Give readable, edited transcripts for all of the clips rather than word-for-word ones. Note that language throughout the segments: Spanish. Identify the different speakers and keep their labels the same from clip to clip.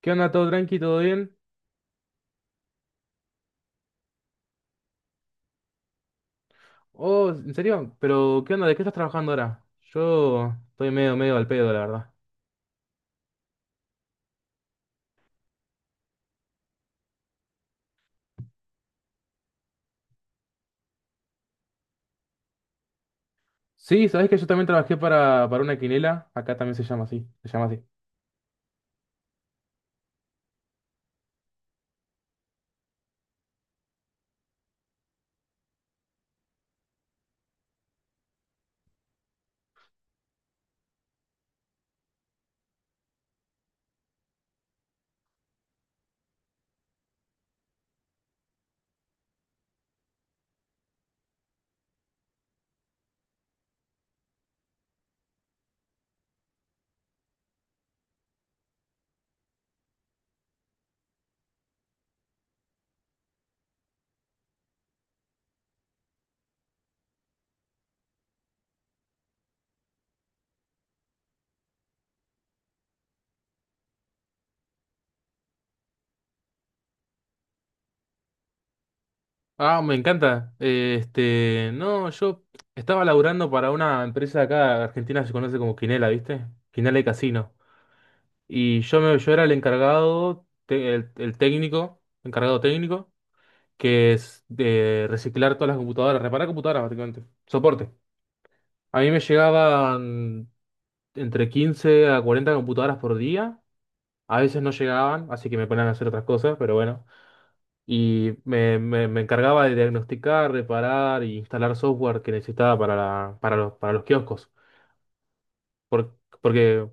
Speaker 1: ¿Qué onda? ¿Todo tranqui? ¿Todo bien? Oh, ¿en serio? ¿Pero qué onda? ¿De qué estás trabajando ahora? Yo estoy medio, medio al pedo, la verdad. Sí, sabés que yo también trabajé para una quinela. Acá también se llama así. Se llama así. Ah, me encanta. No, yo estaba laburando para una empresa de acá, Argentina se conoce como Quinela, ¿viste? Quinela y Casino. Yo era el encargado, el técnico, encargado técnico, que es de reciclar todas las computadoras, reparar computadoras básicamente. Soporte. A mí me llegaban entre 15 a 40 computadoras por día. A veces no llegaban, así que me ponían a hacer otras cosas, pero bueno. Me encargaba de diagnosticar, reparar y instalar software que necesitaba para, para, para los kioscos. Por- Porque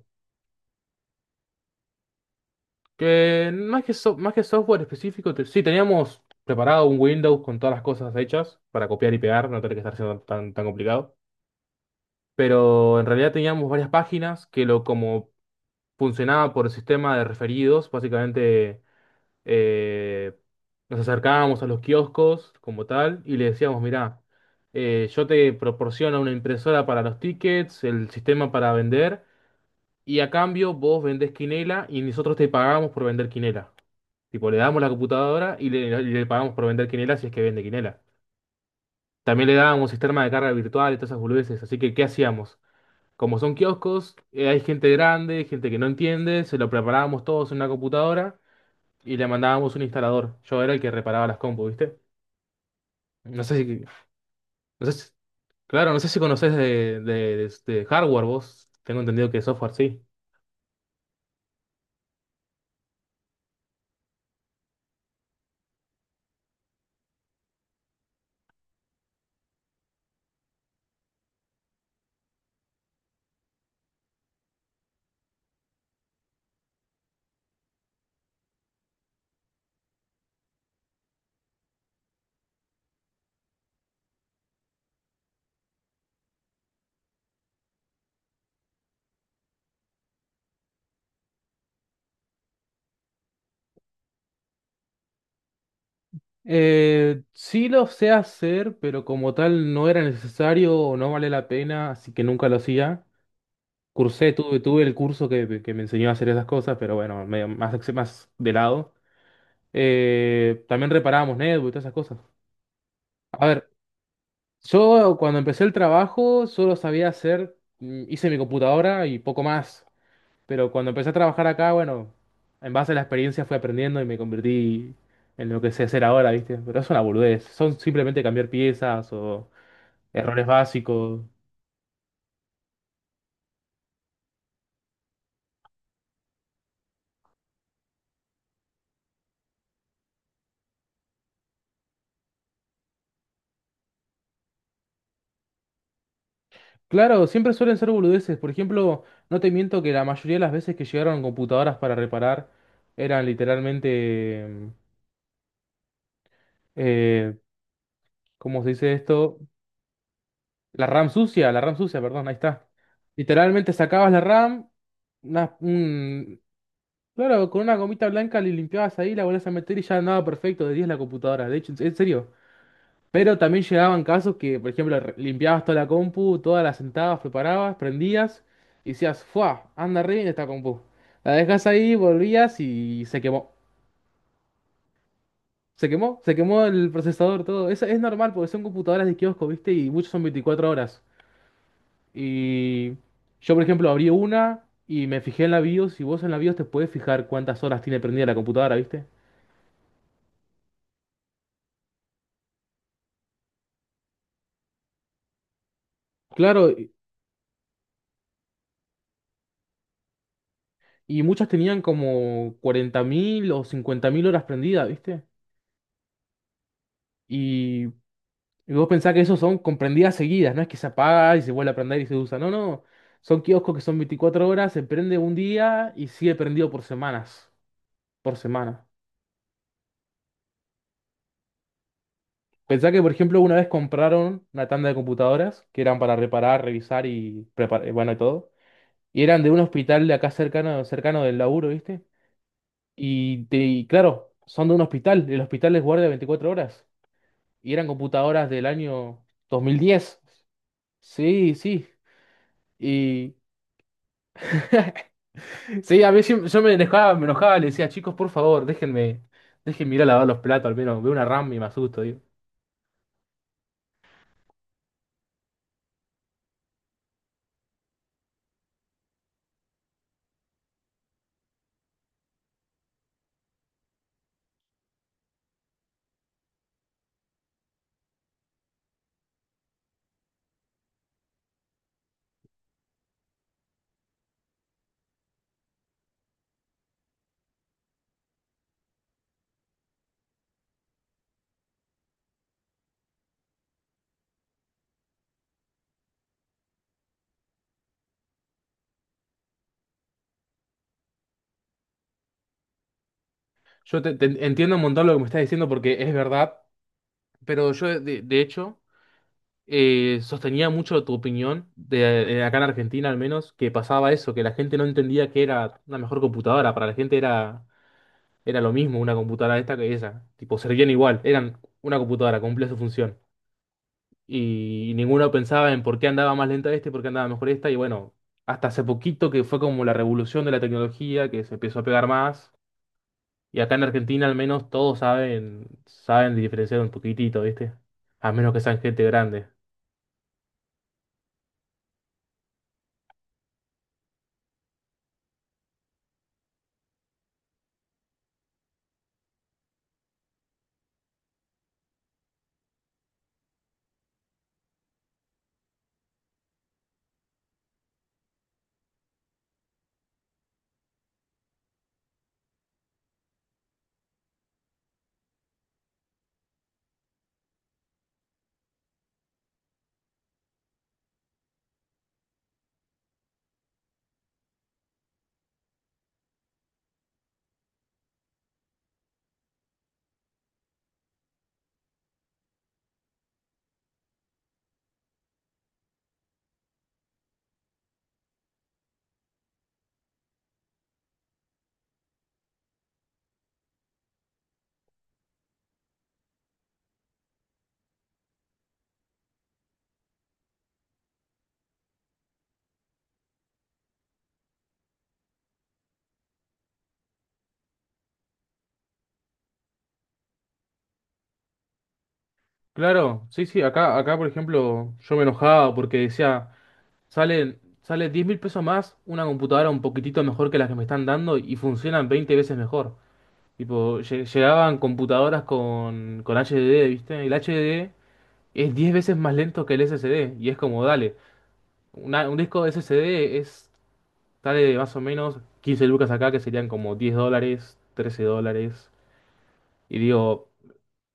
Speaker 1: que más que, más que software específico, sí, teníamos preparado un Windows con todas las cosas hechas para copiar y pegar, no tener que estar siendo tan, tan complicado. Pero en realidad teníamos varias páginas que lo como funcionaba por sistema de referidos, básicamente. eh, Nos acercábamos a los kioscos como tal y le decíamos, mirá, yo te proporciono una impresora para los tickets, el sistema para vender, y a cambio vos vendés quinela y nosotros te pagamos por vender quinela. Tipo, le damos la computadora y le pagamos por vender quinela si es que vende quinela. También le dábamos sistema de carga virtual y todas esas boludeces, así que ¿qué hacíamos? Como son kioscos, hay gente grande, gente que no entiende, se lo preparábamos todos en una computadora y le mandábamos un instalador. Yo era el que reparaba las compus, ¿viste? No sé si, no sé claro, no sé si conocés de hardware vos. Tengo entendido que software sí. Sí lo sé hacer, pero como tal no era necesario o no vale la pena, así que nunca lo hacía. Tuve el curso que me enseñó a hacer esas cosas, pero bueno, medio más, más de lado. También reparábamos netbooks y todas esas cosas. A ver, yo cuando empecé el trabajo solo sabía hacer, hice mi computadora y poco más, pero cuando empecé a trabajar acá, bueno, en base a la experiencia fui aprendiendo y me convertí en lo que sé hacer ahora, ¿viste? Pero es una boludez, son simplemente cambiar piezas o errores básicos. Claro, siempre suelen ser boludeces, por ejemplo, no te miento que la mayoría de las veces que llegaron computadoras para reparar eran literalmente, eh, ¿cómo se dice esto? La RAM sucia, perdón, ahí está. Literalmente sacabas la RAM, una- un- claro, con una gomita blanca le limpiabas ahí, la volvías a meter y ya andaba perfecto, de 10 la computadora, de hecho, en serio. Pero también llegaban casos que, por ejemplo, limpiabas toda la compu, todas las sentabas, preparabas, prendías y decías, ¡fua! Anda re bien esta compu. La dejas ahí, volvías y se quemó. Se quemó, se quemó el procesador, todo. Es normal porque son computadoras de kiosco, ¿viste? Y muchos son 24 horas. Y yo, por ejemplo, abrí una y me fijé en la BIOS, y vos en la BIOS te puedes fijar cuántas horas tiene prendida la computadora, ¿viste? Claro, y muchas tenían como 40.000 o 50.000 horas prendidas, ¿viste? Y, y vos pensás que esos son comprendidas seguidas, no es que se apaga y se vuelve a prender y se usa, no, no. Son kioscos que son 24 horas, se prende un día y sigue prendido por semanas, por semana. Pensá que, por ejemplo, una vez compraron una tanda de computadoras que eran para reparar, revisar y preparar, bueno, y todo. Y eran de un hospital de acá cercano, cercano del laburo, ¿viste? Y claro, son de un hospital. El hospital les guardia 24 horas. Y eran computadoras del año 2010. Sí, sí. Y sí, yo me enojaba, le decía, chicos, por favor, déjenme, déjenme ir a lavar los platos, al menos veo una RAM y me asusto, digo. Yo te, te entiendo un montón lo que me estás diciendo porque es verdad, pero yo de hecho sostenía mucho tu opinión, de acá en Argentina al menos, que pasaba eso, que la gente no entendía que era una mejor computadora. Para la gente era, era lo mismo una computadora esta que esa. Tipo, servían igual, eran una computadora, cumplía su función. Y, ninguno pensaba en por qué andaba más lenta este, por qué andaba mejor esta. Y bueno, hasta hace poquito que fue como la revolución de la tecnología, que se empezó a pegar más. Y acá en Argentina al menos todos saben, saben diferenciar un poquitito, ¿viste? A menos que sean gente grande. Claro, sí, sí, acá, acá por ejemplo yo me enojaba porque decía, salen, sale 10.000 pesos más una computadora un poquitito mejor que las que me están dando y funcionan 20 veces mejor. Tipo, llegaban computadoras con HDD, ¿viste? El HDD es 10 veces más lento que el SSD y es como, dale, un disco de SSD es, sale más o menos 15 lucas acá que serían como 10 dólares, 13 dólares. Y digo,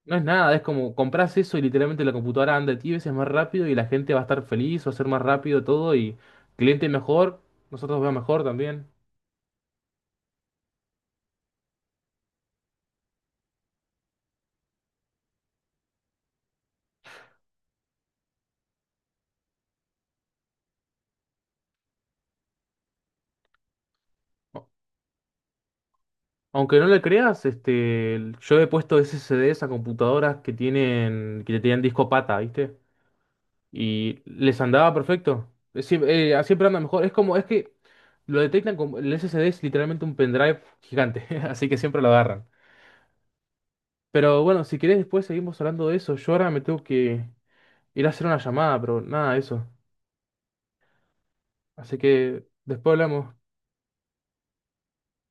Speaker 1: no es nada, es como compras eso y literalmente la computadora anda 10 veces más rápido y la gente va a estar feliz, va a ser más rápido todo y cliente mejor, nosotros va mejor también. A- Aunque no le creas, este, yo he puesto SSDs a computadoras que tienen, que tenían disco pata, ¿viste? Y les andaba perfecto. Sí, siempre anda mejor. Es como, es que lo detectan como, el SSD es literalmente un pendrive gigante, así que siempre lo agarran. Pero bueno, si querés después seguimos hablando de eso. Yo ahora me tengo que ir a hacer una llamada, pero nada, de eso. Así que después hablamos.